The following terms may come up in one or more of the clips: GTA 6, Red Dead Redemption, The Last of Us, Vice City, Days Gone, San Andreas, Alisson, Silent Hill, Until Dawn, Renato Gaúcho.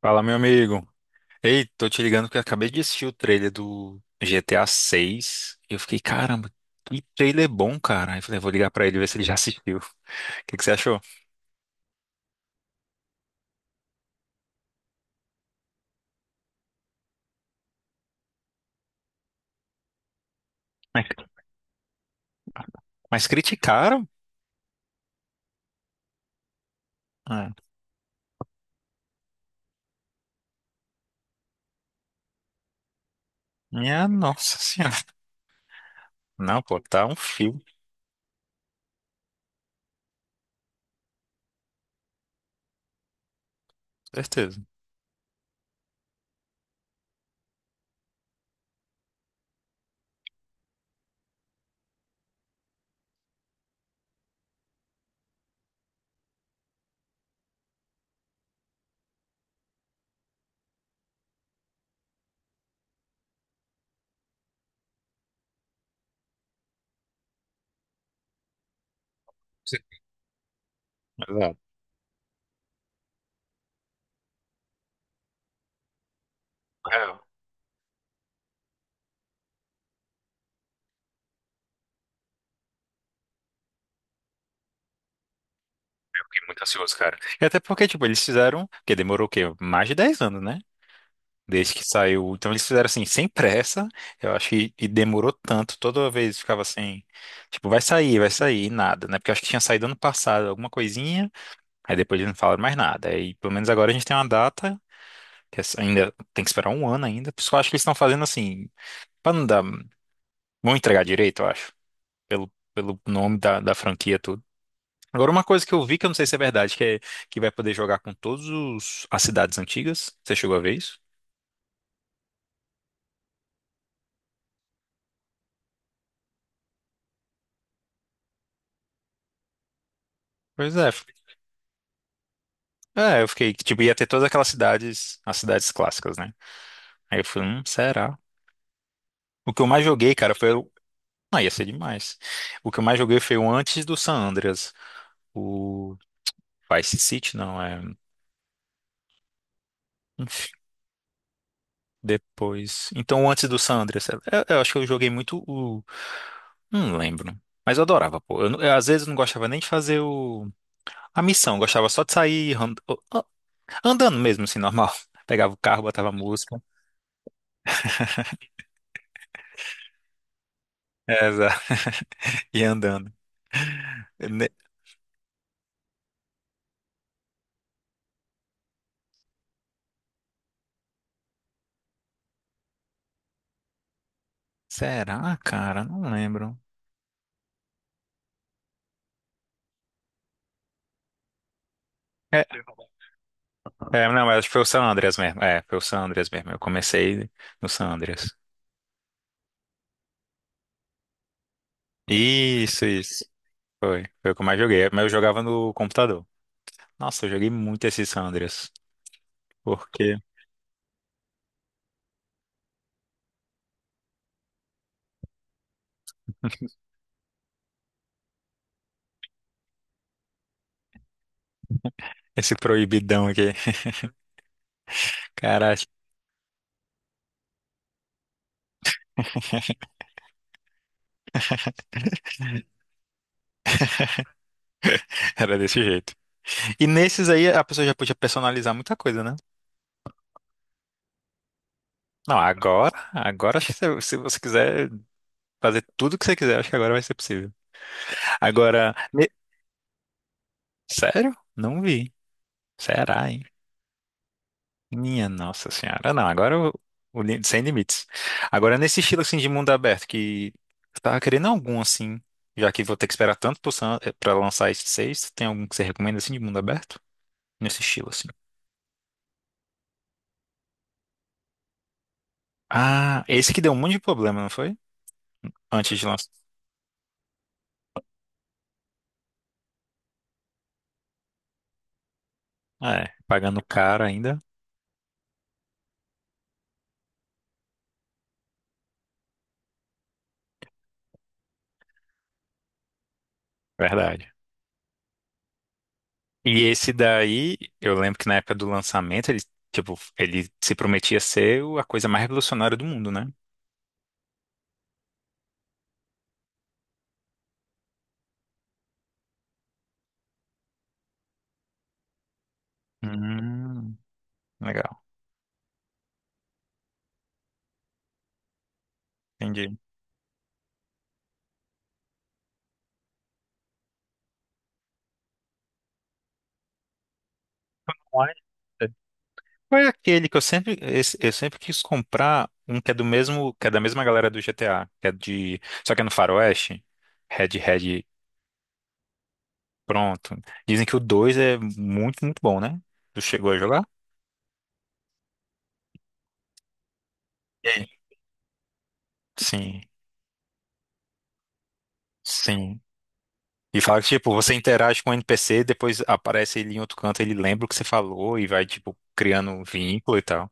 Fala, meu amigo. Ei, tô te ligando porque eu acabei de assistir o trailer do GTA 6 e eu fiquei, caramba, que trailer bom, cara. Aí eu falei, vou ligar pra ele ver se ele já assistiu. O que que você achou? Mas, mas criticaram? Ah, minha nossa senhora. Não, pô, tá um filme, com certeza. Sim. Exato. É, eu fiquei muito ansioso, cara. E até porque, tipo, eles fizeram, porque demorou o quê? Mais de 10 anos, né? Desde que saiu. Então eles fizeram assim, sem pressa. Eu acho que e demorou tanto. Toda vez ficava assim, tipo, vai sair, e nada, né? Porque eu acho que tinha saído ano passado alguma coisinha, aí depois eles não falaram mais nada. Aí pelo menos agora a gente tem uma data, que essa- ainda tem que esperar um ano ainda. Por isso que eu acho que eles estão fazendo assim, pra não dar. Vão entregar direito, eu acho, pelo nome da franquia, tudo. Agora, uma coisa que eu vi que eu não sei se é verdade, que é que vai poder jogar com todos os, as cidades antigas. Você chegou a ver isso? Pois é. É, eu fiquei, tipo, ia ter todas aquelas cidades, as cidades clássicas, né? Aí eu falei, será? O que eu mais joguei, cara, foi o... Ah, ia ser demais. O que eu mais joguei foi o antes do San Andreas. O Vice City, não, é... Enfim, depois... Então, o antes do San Andreas. Eu acho que eu joguei muito o... Não lembro. Mas eu adorava, pô. Eu, não- eu, às vezes não gostava nem de fazer o... a missão. Eu gostava só de sair andando mesmo, assim, normal. Pegava o carro, botava música. É, exato. E andando. Será, cara? Não lembro. É, não, acho que foi o San Andreas mesmo. É, foi o San Andreas mesmo. Eu comecei no San Andreas. Isso, isso. Foi. Foi o que eu mais joguei. Mas eu jogava no computador. Nossa, eu joguei muito esse San Andreas. Porque esse proibidão aqui. Cara, era desse jeito. E nesses aí a pessoa já podia personalizar muita coisa, né? Não, agora acho que se você quiser fazer tudo que você quiser, acho que agora vai ser possível. Agora, ne- sério? Não vi. Será, hein? Minha nossa senhora. Ah, não, agora o li- sem limites. Agora nesse estilo assim de mundo aberto que eu tava querendo algum assim, já que vou ter que esperar tanto pro Sam- eh, pra lançar esses seis, tem algum que você recomenda assim de mundo aberto? Nesse estilo assim. Ah, esse que deu um monte de problema, não foi? Antes de lançar. Ah, é, pagando caro ainda. Verdade. E esse daí, eu lembro que na época do lançamento, ele, tipo, ele se prometia ser o- a coisa mais revolucionária do mundo, né? Hum, legal, entendi. Qual é aquele que eu sempre, esse- eu sempre quis comprar um que é do mesmo, que é da mesma galera do GTA, que é de, só que é no Faroeste, Red Red, pronto. Dizem que o 2 é muito, muito bom, né? Tu chegou a jogar? E aí? Sim, sim. E fala que, tipo, você interage com o NPC, depois aparece ele em outro canto, ele lembra o que você falou e vai, tipo, criando um vínculo e tal.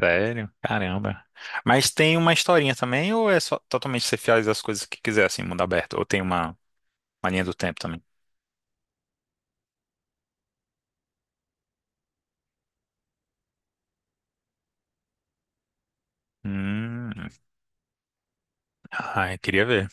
Sério? Caramba. Mas tem uma historinha também, ou é só totalmente você faz as coisas que quiser, assim, mundo aberto? Ou tem uma linha do tempo também? Hum, ai, queria ver.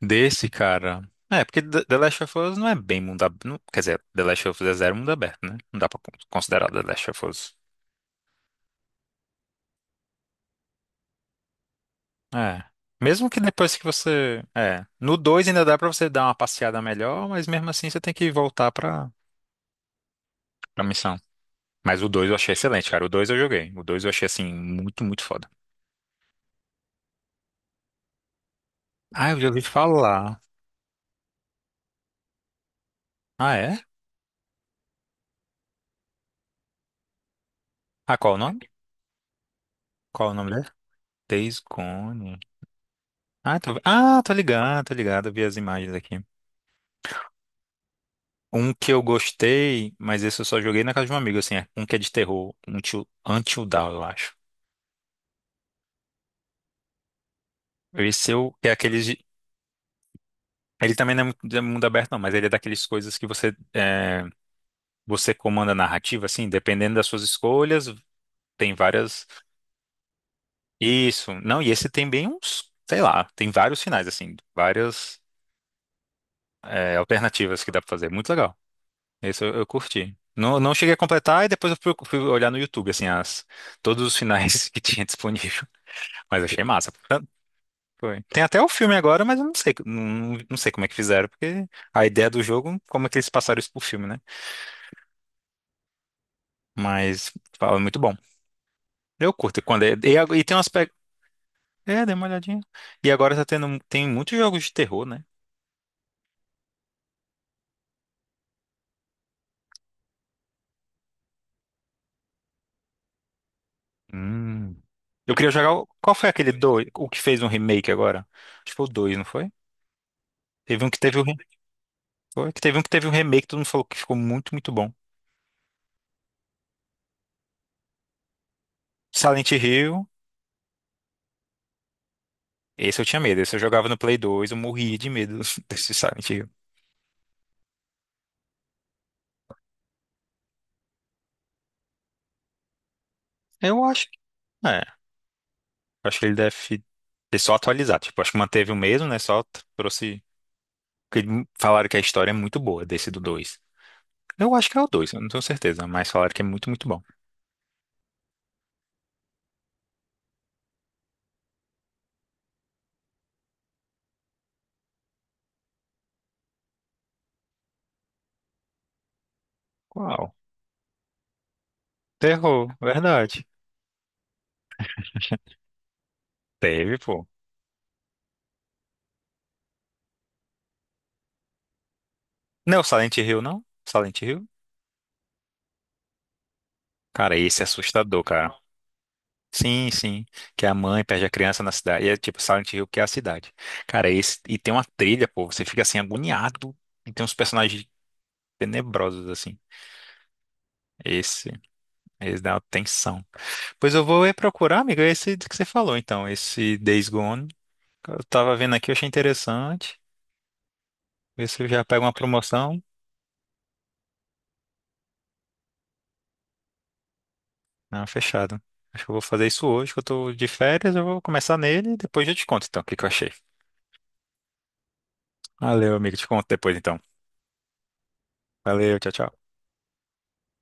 Desse, cara. É, porque The Last of Us não é bem mundo aberto. Quer dizer, The Last of Us é zero mundo aberto, né? Não dá pra con- considerar The Last of Us. É. Mesmo que depois que você. É. No 2 ainda dá pra você dar uma passeada melhor, mas mesmo assim você tem que voltar pra, pra missão. Mas o 2 eu achei excelente, cara. O 2 eu joguei. O 2 eu achei, assim, muito, muito foda. Ah, eu já ouvi falar. Ah, é? Ah, qual o nome? Qual o nome dele? Days Gone. Ah, tô ligado, tô ligado. Eu vi as imagens aqui. Um que eu gostei, mas esse eu só joguei na casa de um amigo, assim, é um que é de terror, um Till- Until Dawn, eu acho. Esse eu, que é aqueles de- Ele também não é muito de mundo aberto, não, mas ele é daqueles coisas que você, é, você comanda a narrativa, assim, dependendo das suas escolhas, tem várias... Isso, não, e esse tem bem uns, sei lá, tem vários finais, assim, várias, é, alternativas que dá pra fazer, muito legal. Eu curti. Não, não cheguei a completar e depois fui olhar no YouTube, assim, as, todos os finais que tinha disponível, mas achei massa. Foi. Tem até o filme agora, mas eu não sei, não, não sei como é que fizeram, porque a ideia do jogo, como é que eles passaram isso pro filme, né? Mas fala, é muito bom. Eu curto quando é, e, a- e tem um aspecto. É, dei uma olhadinha. E agora tá tendo, tem muitos jogos de terror, né? Hum. Eu queria jogar. O- Qual foi aquele dois, o que fez um remake agora? Acho que foi o dois, não foi? Teve um que teve um, re- foi, que teve um remake, todo mundo falou que ficou muito, muito bom. Silent Hill, esse eu tinha medo, esse eu jogava no Play 2, eu morria de medo desse Silent Hill. Eu acho. Acho que ele deve ter só atualizado. Tipo, acho que manteve o mesmo, né? Só t- trouxe. Porque falaram que a história é muito boa desse do 2. Eu acho que é o 2. Eu não tenho certeza, mas falaram que é muito, muito bom. Qual? Terror, verdade. Teve, pô. Não, é o Silent Hill, não? Silent Hill? Cara, esse é assustador, cara. Sim, sim. Que a mãe perde a criança na cidade. E é tipo Silent Hill que é a cidade. Cara, esse. E tem uma trilha, pô. Você fica assim, agoniado. E tem uns personagens tenebrosos, assim. Esse. Esse dá uma tensão. Pois eu vou ir procurar, amigo, esse que você falou, então, esse Days Gone. Eu tava vendo aqui, eu achei interessante. Ver se eu já pego uma promoção. Não, fechado. Acho que eu vou fazer isso hoje, que eu tô de férias, eu vou começar nele e depois eu te conto, então, o que que eu achei. Valeu, amigo, te conto depois, então. Valeu, tchau, tchau.